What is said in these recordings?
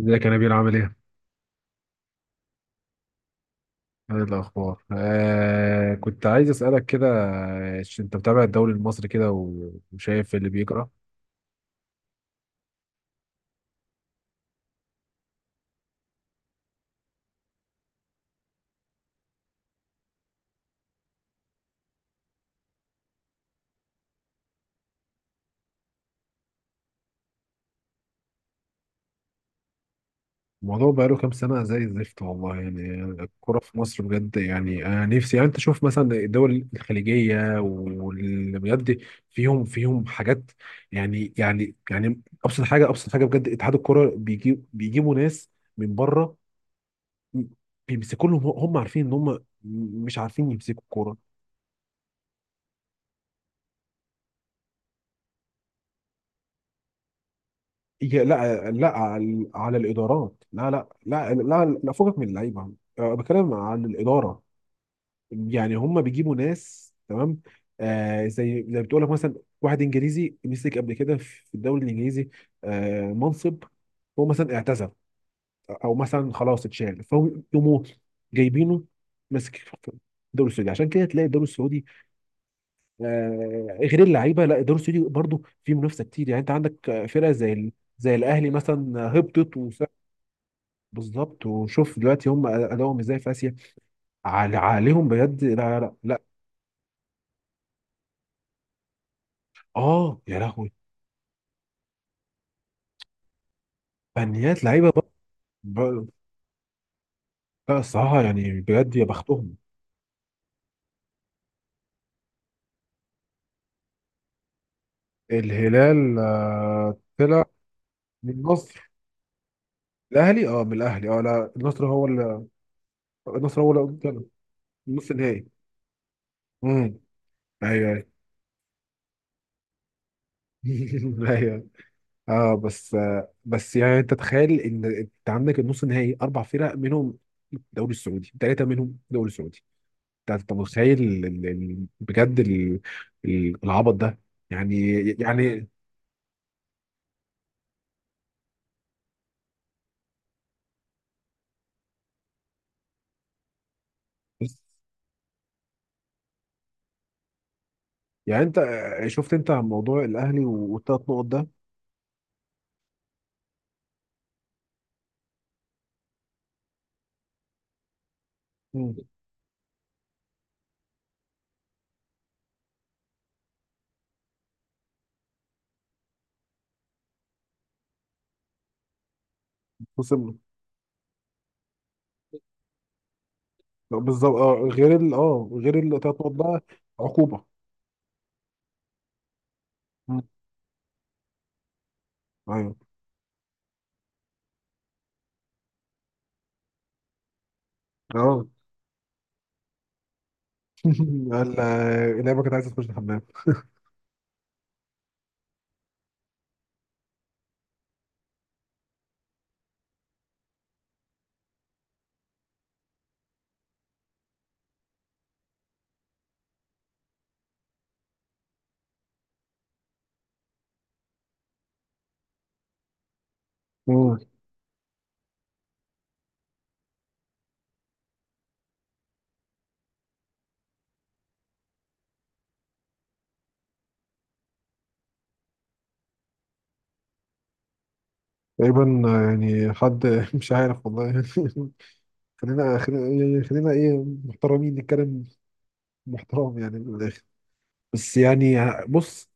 ازيك يا نبيل؟ عامل ايه؟ ايه الاخبار؟ كنت عايز اسالك كده، انت متابع الدوري المصري كده وشايف اللي بيجرى؟ الموضوع بقاله كام سنه زي الزفت والله. يعني الكوره في مصر بجد، يعني انا نفسي، يعني انت شوف مثلا الدول الخليجيه واللي بجد فيهم حاجات. يعني ابسط حاجه، بجد اتحاد الكوره بيجيبوا ناس من بره، بيمسكوا لهم، هم عارفين ان هم مش عارفين يمسكوا الكوره. لا لا، على على الادارات. لا لا لا لا، لا فوقك من اللعيبه. بتكلم عن الاداره، يعني هم بيجيبوا ناس تمام. آه زي بتقول لك مثلا، واحد انجليزي مسك قبل كده في الدوري الانجليزي، منصب، هو مثلا اعتزل، او مثلا خلاص اتشال، فهو يقوموا جايبينه ماسك في الدوري السعودي. عشان كده تلاقي الدوري السعودي، غير اللعيبه، لا الدوري السعودي برضه فيه منافسه كتير. يعني انت عندك، فرق زي زي الاهلي مثلا هبطت. بالظبط. وشوف دلوقتي هم ادائهم ازاي في اسيا. عليهم بجد. لا لا لا لا. اه يا لهوي. فنيات لعيبه بقى. بقى- لا الصراحه يعني بجد يا بختهم. الهلال، طلع من النصر. الاهلي اه من الاهلي، لا النصر هو اللي، النصر هو اللي طلع نص النهائي. امم. ايوه ايوه. ايوه. اه بس بس يعني انت تخيل ان انت عندك النص النهائي اربع فرق منهم، الدوري السعودي، ثلاثه منهم الدوري السعودي. انت متخيل بجد ال- العبط ده. يعني يعني يعني. انت شفت انت عن موضوع الاهلي والثلاث نقط ده؟ مم. خصم. بالظبط. اه غير ال اه غير الثلاث نقط بقى، عقوبه. مم. ايوه. اه. ال- اللعبه كانت عايزه تخش الحمام. مم. تقريبا. يعني حد مش عارف والله. خلينا ايه محترمين نتكلم، محترم يعني من الاخر. بس يعني، بص.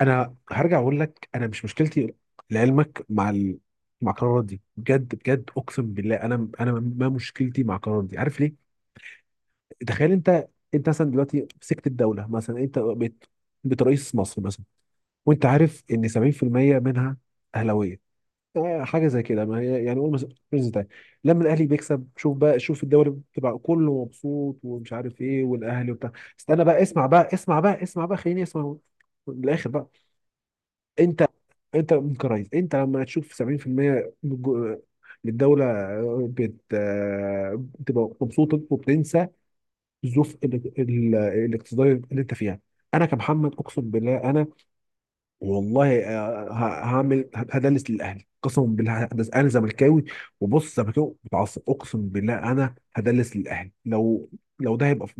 انا هرجع اقول لك: انا مش مشكلتي لعلمك مع ال... مع القرارات دي بجد، بجد، اقسم بالله، انا ما مشكلتي مع القرارات دي. عارف ليه؟ تخيل انت. انت مثلا دلوقتي مسكت الدوله مثلا، انت بقيت رئيس مصر مثلا. وانت عارف ان 70% منها اهلاويه، حاجه زي كده. ما هي يعني قول مثلا رز تاني. لما الاهلي بيكسب، شوف بقى، شوف الدوري بتبقى كله مبسوط، ومش عارف ايه، والاهلي وبتاع. استنى بقى، اسمع بقى، خليني اسمع، من الاخر بقى. انت انت من كرايز. انت لما تشوف 70% من الجو- من الدولة بت... بتبقى مبسوطة وبتنسى الظروف الاقتصادية اللي انت فيها. انا كمحمد اقسم بالله انا، والله، هعمل، هدلس للاهلي قسما بالله، هدلس. انا زملكاوي، وبص، زملكاوي متعصب، اقسم بالله انا هدلس للاهلي لو ده هيبقى في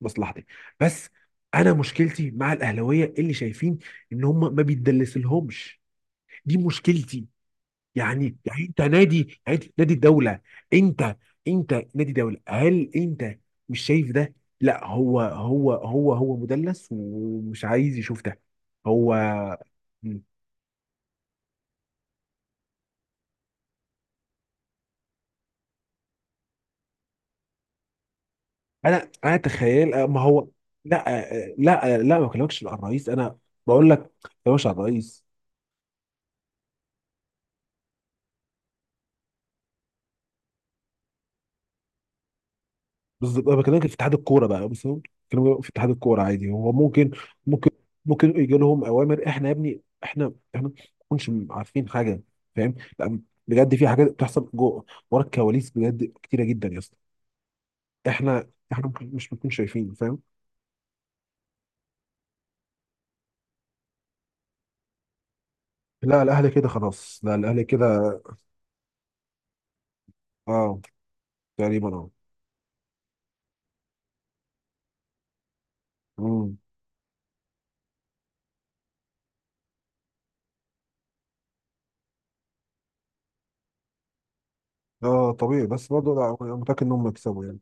مصلحتي. بس انا مشكلتي مع الاهلاويه اللي شايفين ان هم ما بيتدلسلهمش. دي مشكلتي. يعني يعني انت نادي الدوله. انت انت نادي دوله، هل انت مش شايف ده؟ لا، هو مدلس ومش عايز يشوف ده هو. مم. انا انا تخيل ما هو، لا لا لا، ما بكلمكش عن الرئيس انا. بقول لك ما بكلمكش عن الرئيس. بالظبط، انا بكلمك في اتحاد الكوره بقى. بس هو، بكلمك في اتحاد الكوره عادي. هو ممكن ممكن ممكن يجي لهم اوامر. احنا يا ابني، احنا ما نكونش عارفين حاجه، فاهم؟ لا، بجد في حاجات بتحصل جوه ورا الكواليس بجد كتيره جدا يا اسطى. احنا احنا ممكن، مش بنكون شايفين، فاهم؟ لا الاهلي كده خلاص. لا الاهلي كده. اه تقريبا اه. امم. اه طبيعي، بس برضه لا، انا متاكد انهم يكسبوا يعني.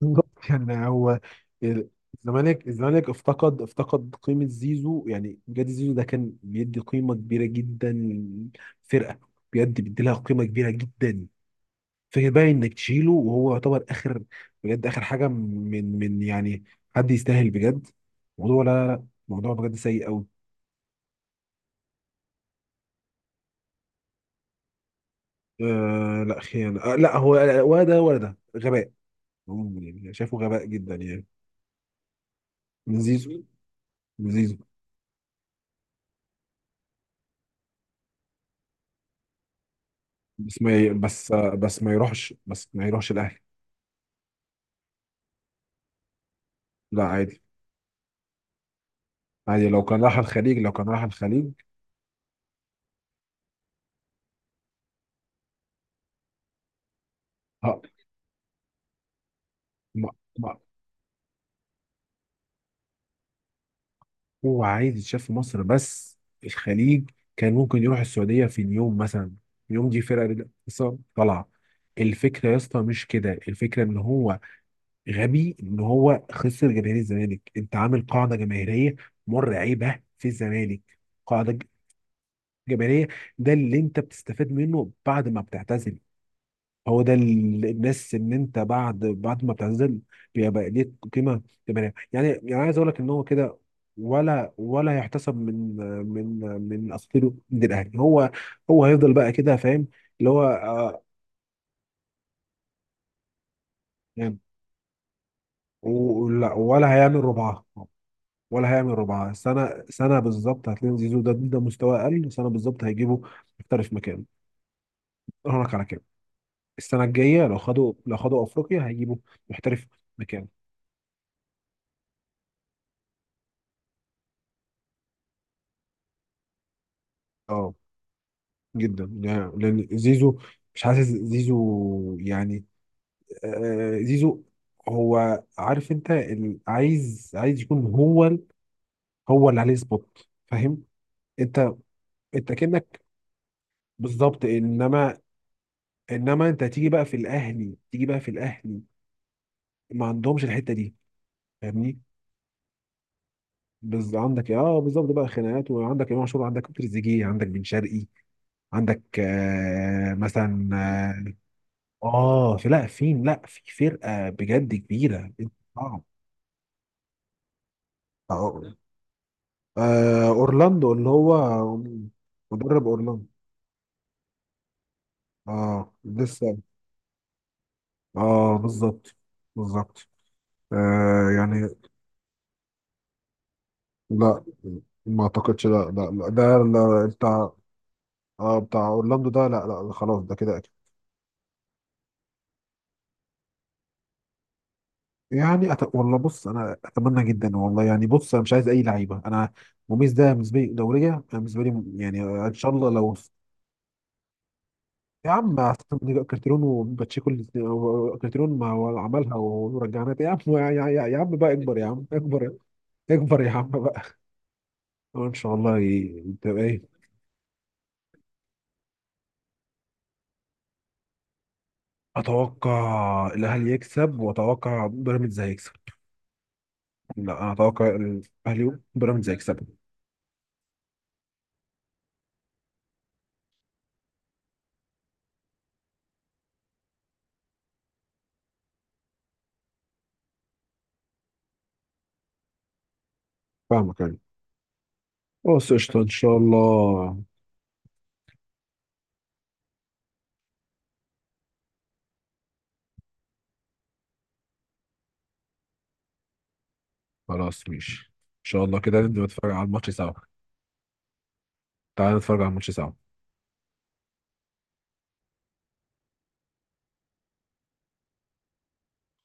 بالظبط. يعني هو ال- الزمالك. افتقد قيمة زيزو. يعني بجد زيزو ده كان بيدي قيمة كبيرة جدا للفرقة، بجد بيدي لها قيمة كبيرة جدا. فكرة بقى انك تشيله وهو يعتبر اخر، بجد اخر حاجة من من يعني، حد يستاهل بجد موضوع. لا لا لا، موضوع بجد سيء قوي. آه لا، خيانة. آه لا، هو ولا ده ولا ده، غباء. يعني شايفه غباء جدا يعني. من زيزو. من زيزو. بس ما ي... بس بس ما يروحش، ما يروحش الاهلي. لا عادي، عادي. لو كان راح الخليج، ه... ما... ما... هو عايز يتشاف في مصر بس. الخليج كان ممكن يروح السعوديه في اليوم مثلا، يوم دي فرقه لسه طالعه. الفكره يا اسطى مش كده. الفكره ان هو غبي، ان هو خسر جماهير الزمالك. انت عامل قاعده جماهيريه مرعبه في الزمالك، قاعده ج- جماهيريه. ده اللي انت بتستفاد منه بعد ما بتعتزل. هو ده الناس. ان انت بعد ما بتعتزل بيبقى ليك قيمه. تبقى يعني، يعني عايز اقول لك ان هو كده، ولا يحتسب من من اساطيره من الاهلي. هو هو هيفضل بقى كده فاهم، اللي هو، يعني. ولا هيعمل ربعها. ولا هيعمل ربعها. سنه سنه بالظبط هتلاقي زيزو ده، ده مستوى اقل. سنه بالظبط هيجيبه محترف مكانه. اقول لك على كده، السنه الجايه، لو خدوا افريقيا هيجيبوا محترف مكانه. اه جدا يعني، لان زيزو، مش حاسس زيزو يعني، زيزو هو عارف، انت عايز، يكون هو هو اللي عليه سبوت، فاهم؟ انت انت كأنك بالظبط. انما انما انت تيجي بقى في الاهلي، ما عندهمش الحتة دي، فاهمني؟ بز عندك اه بالظبط بقى خناقات، وعندك امام عاشور، عندك تريزيجيه، عندك بن شرقي، عندك آه مثلا، اه في، لا في، لا في فرقه بجد كبيره. اه آه، اورلاندو اللي هو مدرب اورلاندو. اه لسه. اه بالظبط. بالظبط، يعني. لا ما اعتقدش. لا لا لا، ده لا بتاع، اه بتاع اورلاندو ده، لا لا، خلاص ده كده أكيد. يعني والله بص، انا اتمنى جدا والله. يعني بص، انا مش عايز اي لعيبه انا. موميز ده بالنسبه لي دوريه انا، بالنسبه لي يعني ان شاء الله لو. يا عم أصل كارتيرون وباتشيكو كارتيرون، ما هو عملها ورجعنا تاني. يا عم يا عم بقى اكبر، يا عم اكبر، اكبر يا عم بقى. أه ان شاء الله تبقى ايه. اتوقع الاهلي يكسب واتوقع بيراميدز هيكسب. لا انا اتوقع الاهلي وبيراميدز هيكسب. فاهمك يعني. بص قشطة ان شاء الله. خلاص ماشي ان شاء الله، كده نبدأ نتفرج على الماتش سوا. تعال نتفرج على الماتش سوا.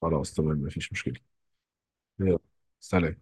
خلاص تمام، مفيش مشكلة. يلا سلام.